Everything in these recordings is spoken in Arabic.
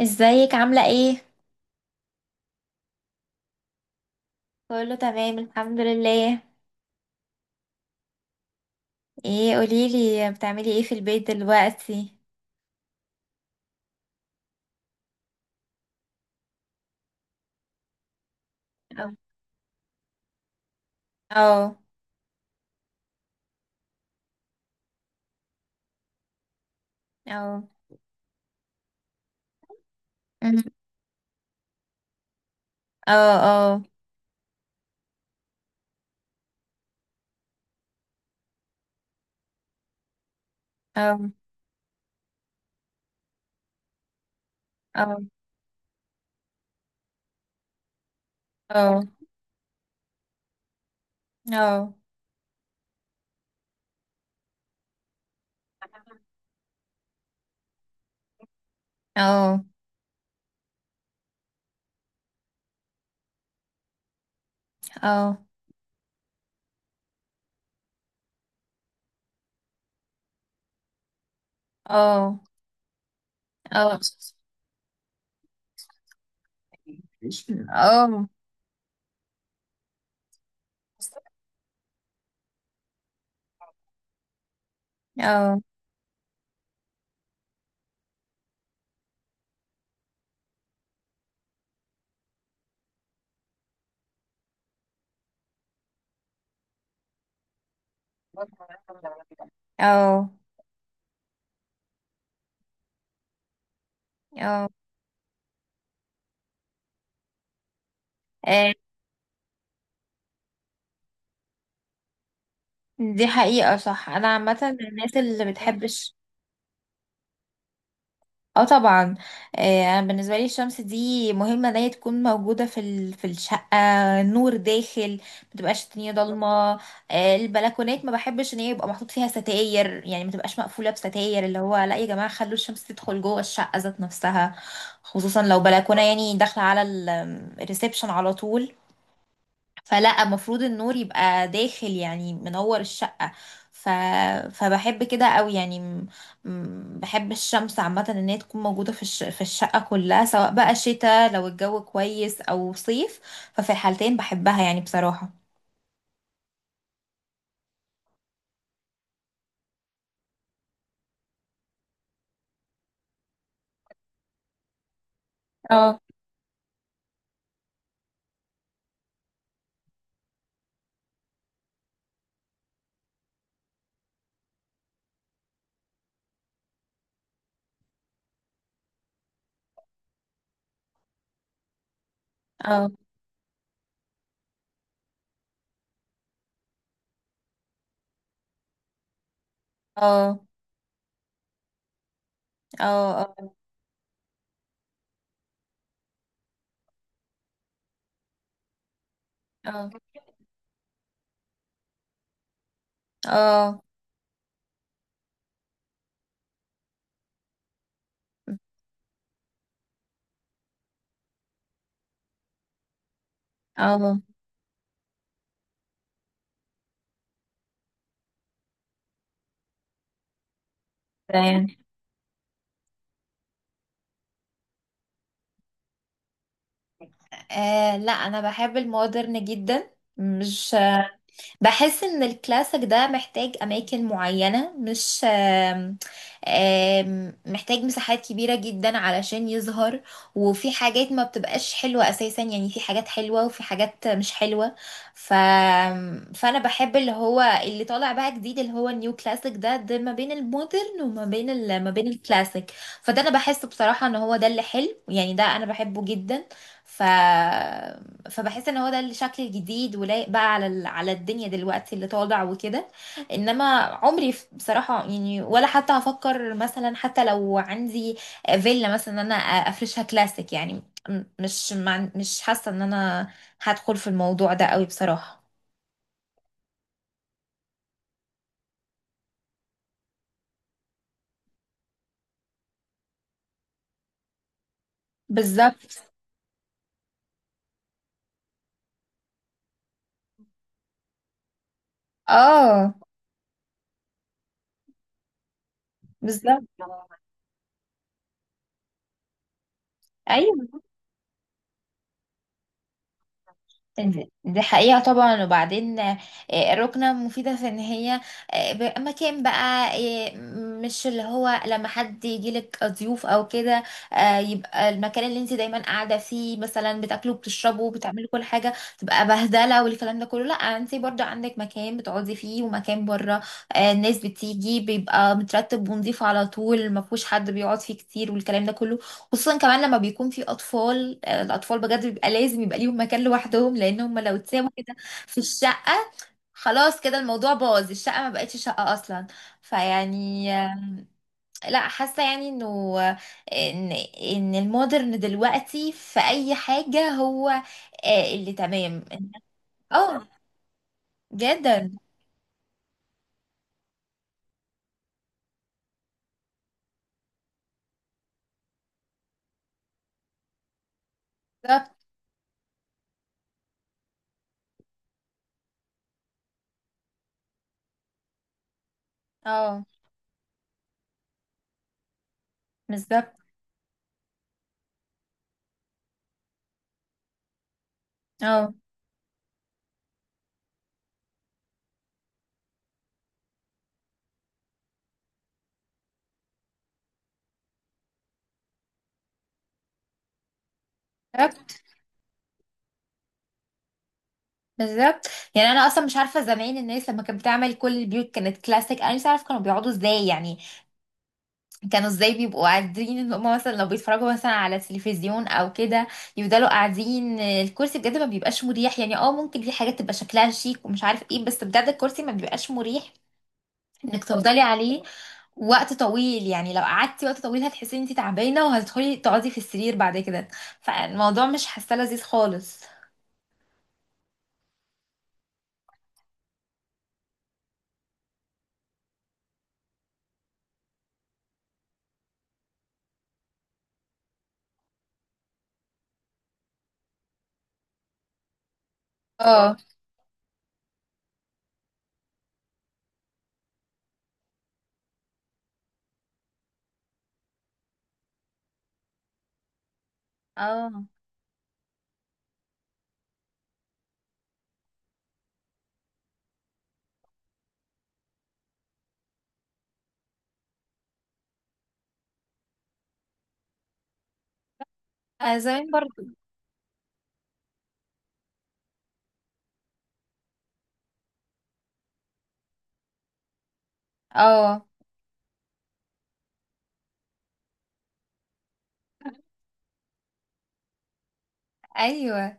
ازيك عاملة ايه؟ كله تمام الحمد لله. ايه قوليلي بتعملي ايه في البيت دلوقتي؟ اه، اه، اه، مم. اه، اه، اه، اه، اه، اه، اه، اه، اه، اه، اه، اه، اه، اه. آه، دي حقيقة صح، انا عامة من الناس اللي بتحبش. اه طبعا. آه، انا بالنسبه لي الشمس دي مهمه ان هي تكون موجوده في في الشقه، نور داخل، ما تبقاش الدنيا ضلمه. آه، البلكونات ما بحبش ان هي يبقى محطوط فيها ستاير، يعني ما تبقاش مقفوله بستاير. اللي هو لا يا جماعه خلوا الشمس تدخل جوه الشقه ذات نفسها، خصوصا لو بلكونه يعني داخله على الريسبشن على طول. فلا المفروض النور يبقى داخل، يعني منور الشقة. ف... فبحب كده قوي يعني بحب الشمس عامة ان هي تكون موجودة في في الشقة كلها، سواء بقى شتاء لو الجو كويس او صيف. ففي الحالتين بحبها يعني بصراحة. اه، اه، اه، اه، اه، اه، اه، اه. كده يعني. آه لا، انا بحب المودرن جدا. مش... بحس ان الكلاسيك ده محتاج اماكن معينة، مش آم، آم، محتاج مساحات كبيرة جدا علشان يظهر. وفي حاجات ما بتبقاش حلوة اساسا، يعني في حاجات حلوة وفي حاجات مش حلوة. ف... فانا بحب اللي هو اللي طالع بقى جديد، اللي هو النيو كلاسيك ده ما بين المودرن وما بين ما بين الكلاسيك. فده انا بحس بصراحة ان هو ده اللي حلو، يعني ده انا بحبه جدا. ف فبحس ان هو ده الشكل الجديد ولايق بقى على على الدنيا دلوقتي اللي طالع وكده. انما عمري بصراحه، يعني ولا حتى هفكر مثلا حتى لو عندي فيلا مثلا ان انا افرشها كلاسيك يعني. مش حاسه ان انا هدخل في الموضوع ده قوي بصراحه. بالظبط، اه، بالظبط، ايوه. دي حقيقة طبعا، وبعدين آه، الركنة مفيدة في ان هي آه، مكان بقى، آه، مش اللي هو لما حد يجيلك ضيوف او كده، آه، يبقى المكان اللي انت دايما قاعدة فيه مثلا بتاكلوا بتشربوا بتعملوا كل حاجة، تبقى بهدلة والكلام ده كله. لا انت برضو عندك مكان بتقعدي فيه ومكان بره، آه، الناس بتيجي بيبقى مترتب ونضيف على طول، مفهوش حد بيقعد فيه كتير والكلام ده كله. خصوصا كمان لما بيكون في اطفال، آه، الاطفال بجد بيبقى لازم يبقى ليهم مكان لوحدهم، لان هم لو اتسابوا كده في الشقه، خلاص كده الموضوع باظ، الشقه ما بقتش شقه اصلا. فيعني لا حاسه يعني انه آه، ان المودرن دلوقتي في اي حاجه هو آه، اللي تمام. اه جدا. بالظبط، اه، بالظبط، اه، بالظبط، بالظبط. يعني انا اصلا مش عارفه زمان الناس لما كانت بتعمل كل البيوت كانت كلاسيك، انا مش عارفه كانوا بيقعدوا ازاي يعني. كانوا ازاي بيبقوا قاعدين ان هم مثلا لو بيتفرجوا مثلا على التلفزيون او كده، يفضلوا قاعدين الكرسي بجد ما بيبقاش مريح يعني. اه، ممكن في حاجات تبقى شكلها شيك ومش عارف ايه، بس بجد الكرسي ما بيبقاش مريح انك تفضلي عليه وقت طويل. يعني لو قعدتي وقت طويل هتحسي ان انت تعبانه، وهتدخلي تقعدي في السرير بعد كده. فالموضوع مش حاسه لذيذ خالص. اه، اه، آه، زمان برضه، اه، ايوه.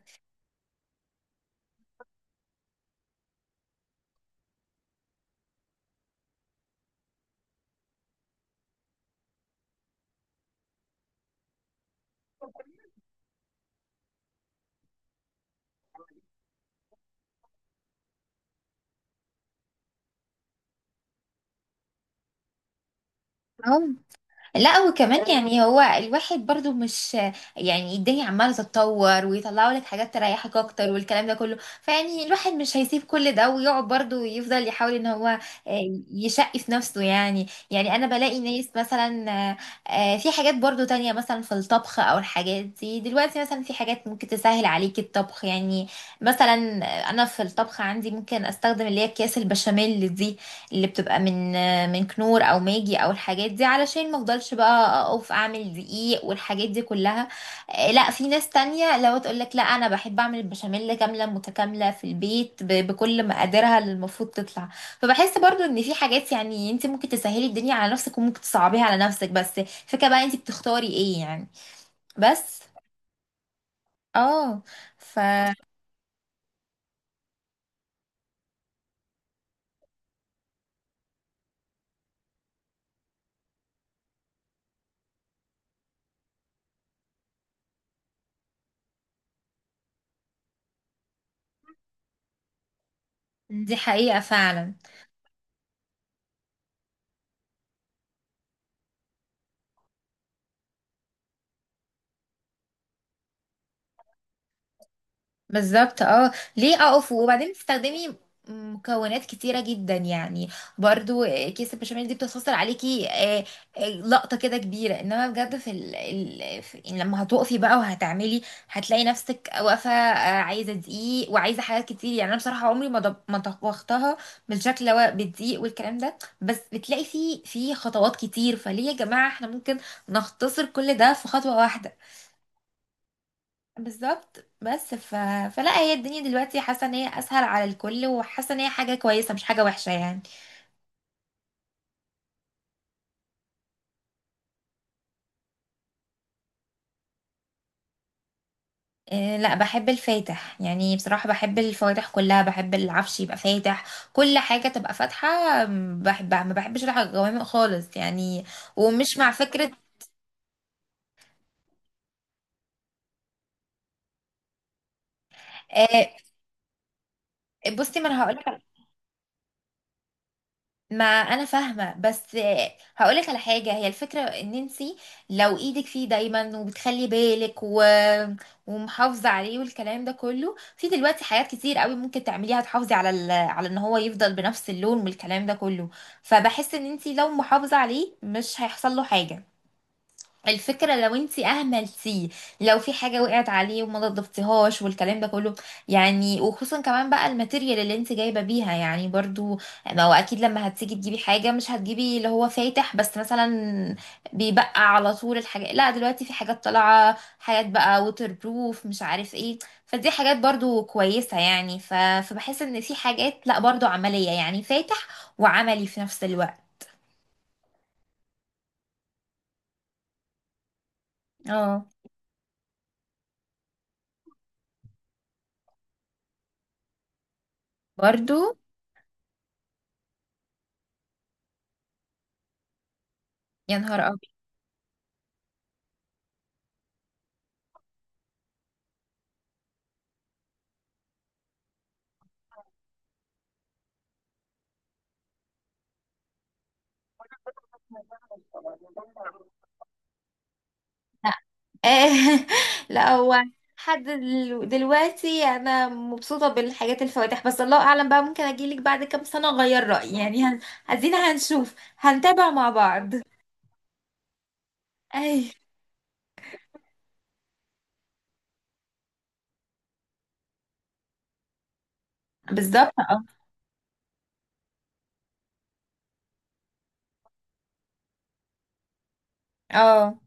لا وكمان يعني هو الواحد برضو مش... يعني الدنيا عمالة تتطور ويطلعوا لك حاجات تريحك اكتر والكلام ده كله. فيعني الواحد مش هيسيب كل ده ويقعد برضو يفضل يحاول ان هو آه، يشقي في نفسه يعني. يعني انا بلاقي ناس مثلا آه، آه، في حاجات برضو تانية مثلا في الطبخ او الحاجات دي. دلوقتي مثلا في حاجات ممكن تسهل عليك الطبخ يعني. مثلا انا في الطبخ عندي ممكن استخدم اللي هي اكياس البشاميل دي اللي بتبقى من كنور او ماجي او الحاجات دي، علشان ما افضلش بقى اقف اعمل دقيق والحاجات دي كلها. آه، لا في ناس تانية لو تقول لك لا، انا بحب اعمل البشاميل كاملة متكاملة في البيت بكل مقاديرها اللي المفروض تطلع. فبحس برضو ان في حاجات يعني انت ممكن تسهلي الدنيا على نفسك وممكن تصعبيها على نفسك، بس فكرة بقى انت بتختاري ايه يعني. بس، اه، ف دي حقيقة فعلا، بالظبط، اه. ليه اقف وبعدين بتستخدمي مكونات كتيرة جدا يعني. برضو كيس البشاميل دي بتختصر عليكي آه، آه، لقطة كده كبيرة. انما بجد في، في يعني لما هتقفي بقى وهتعملي، هتلاقي نفسك واقفة آه، عايزة دقيق وعايزة حاجات كتير يعني. انا بصراحة عمري ما ما طبختها بالشكل، هو بالدقيق والكلام ده. بس بتلاقي فيه في خطوات كتير، فليه يا جماعة احنا ممكن نختصر كل ده في خطوة واحدة. بالظبط، بس فلا هي الدنيا دلوقتي حاسه ان هي اسهل على الكل وحاسه ان هي حاجه كويسه مش حاجه وحشه يعني. إيه لا، بحب الفاتح، يعني بصراحه بحب الفواتح كلها، بحب العفش يبقى فاتح، كل حاجه تبقى فاتحه. بحبها، ما بحبش الغوامق خالص يعني، ومش مع فكره. آه، بصي ما انا هقول، ما انا فاهمه، بس هقولك على حاجه: هي الفكره ان انتي لو ايدك فيه دايما وبتخلي بالك ومحافظه عليه والكلام ده كله، في دلوقتي حاجات كتير قوي ممكن تعمليها تحافظي على على ان هو يفضل بنفس اللون والكلام ده كله. فبحس ان انتي لو محافظه عليه مش هيحصل له حاجه، الفكرة لو انتي اهملتيه، لو في حاجة وقعت عليه وما نضفتيهاش والكلام ده كله. يعني وخصوصا كمان بقى الماتيريال اللي انتي جايبة بيها يعني برضو، ما هو اكيد لما هتيجي تجيبي حاجة مش هتجيبي اللي هو فاتح بس، مثلا بيبقى على طول الحاجة. لا دلوقتي في حاجات طالعة، حاجات بقى ووتر بروف مش عارف ايه، فدي حاجات برضو كويسة يعني. فبحس ان في حاجات لا برضو عملية، يعني فاتح وعملي في نفس الوقت. اه برضو، يا نهار ابيض، آه، لا هو. حد دلوقتي انا مبسوطه بالحاجات الفواتح، بس الله اعلم بقى ممكن اجيلك بعد كام سنه اغير رايي يعني، ادينا هنشوف، هنتابع مع بعض. اي، بالظبط، اه، اه،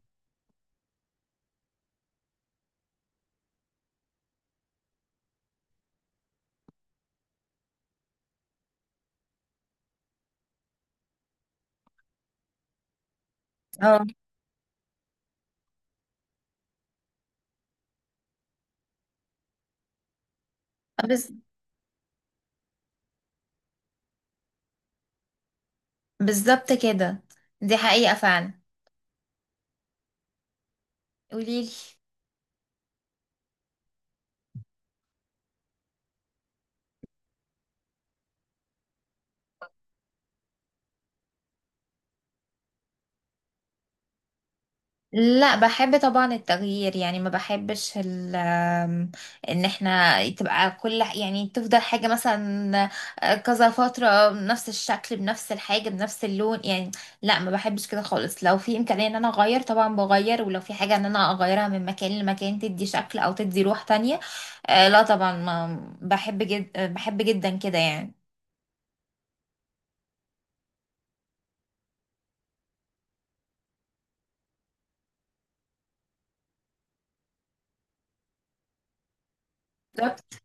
اه، بس بالظبط كده، دي حقيقه فعلا. قوليلي. لا بحب طبعا التغيير، يعني ما بحبش ال آم، ان احنا تبقى كل يعني تفضل حاجة مثلا آه، كذا فترة بنفس الشكل بنفس الحاجة بنفس اللون يعني. لا ما بحبش كده خالص، لو في امكانية ان انا اغير طبعا بغير، ولو في حاجة ان انا اغيرها من مكان لمكان تدي شكل او تدي روح تانية. آه، لا طبعا، ما بحب جد، بحب جدا كده يعني. بالظبط،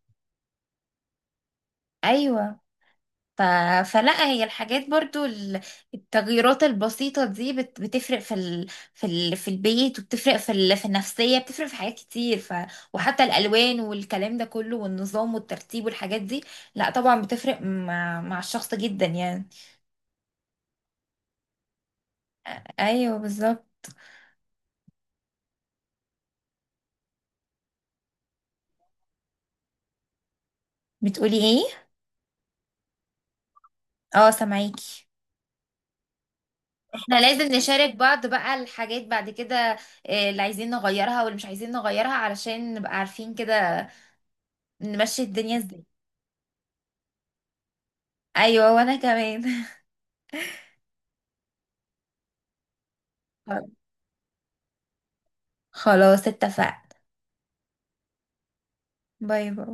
ايوه. ف... فلا هي الحاجات برضو التغييرات البسيطة دي بتفرق في في البيت، وبتفرق في في النفسية، بتفرق في حاجات كتير. وحتى الألوان والكلام ده كله والنظام والترتيب والحاجات دي، لا طبعا بتفرق مع الشخص جدا يعني. ايوه بالظبط. بتقولي ايه؟ اه سامعاكي. احنا لازم نشارك بعض بقى الحاجات بعد كده، آه، اللي عايزين نغيرها واللي مش عايزين نغيرها، علشان نبقى عارفين كده نمشي الدنيا ازاي. ايوه وانا كمان. خلاص اتفقنا، باي باي.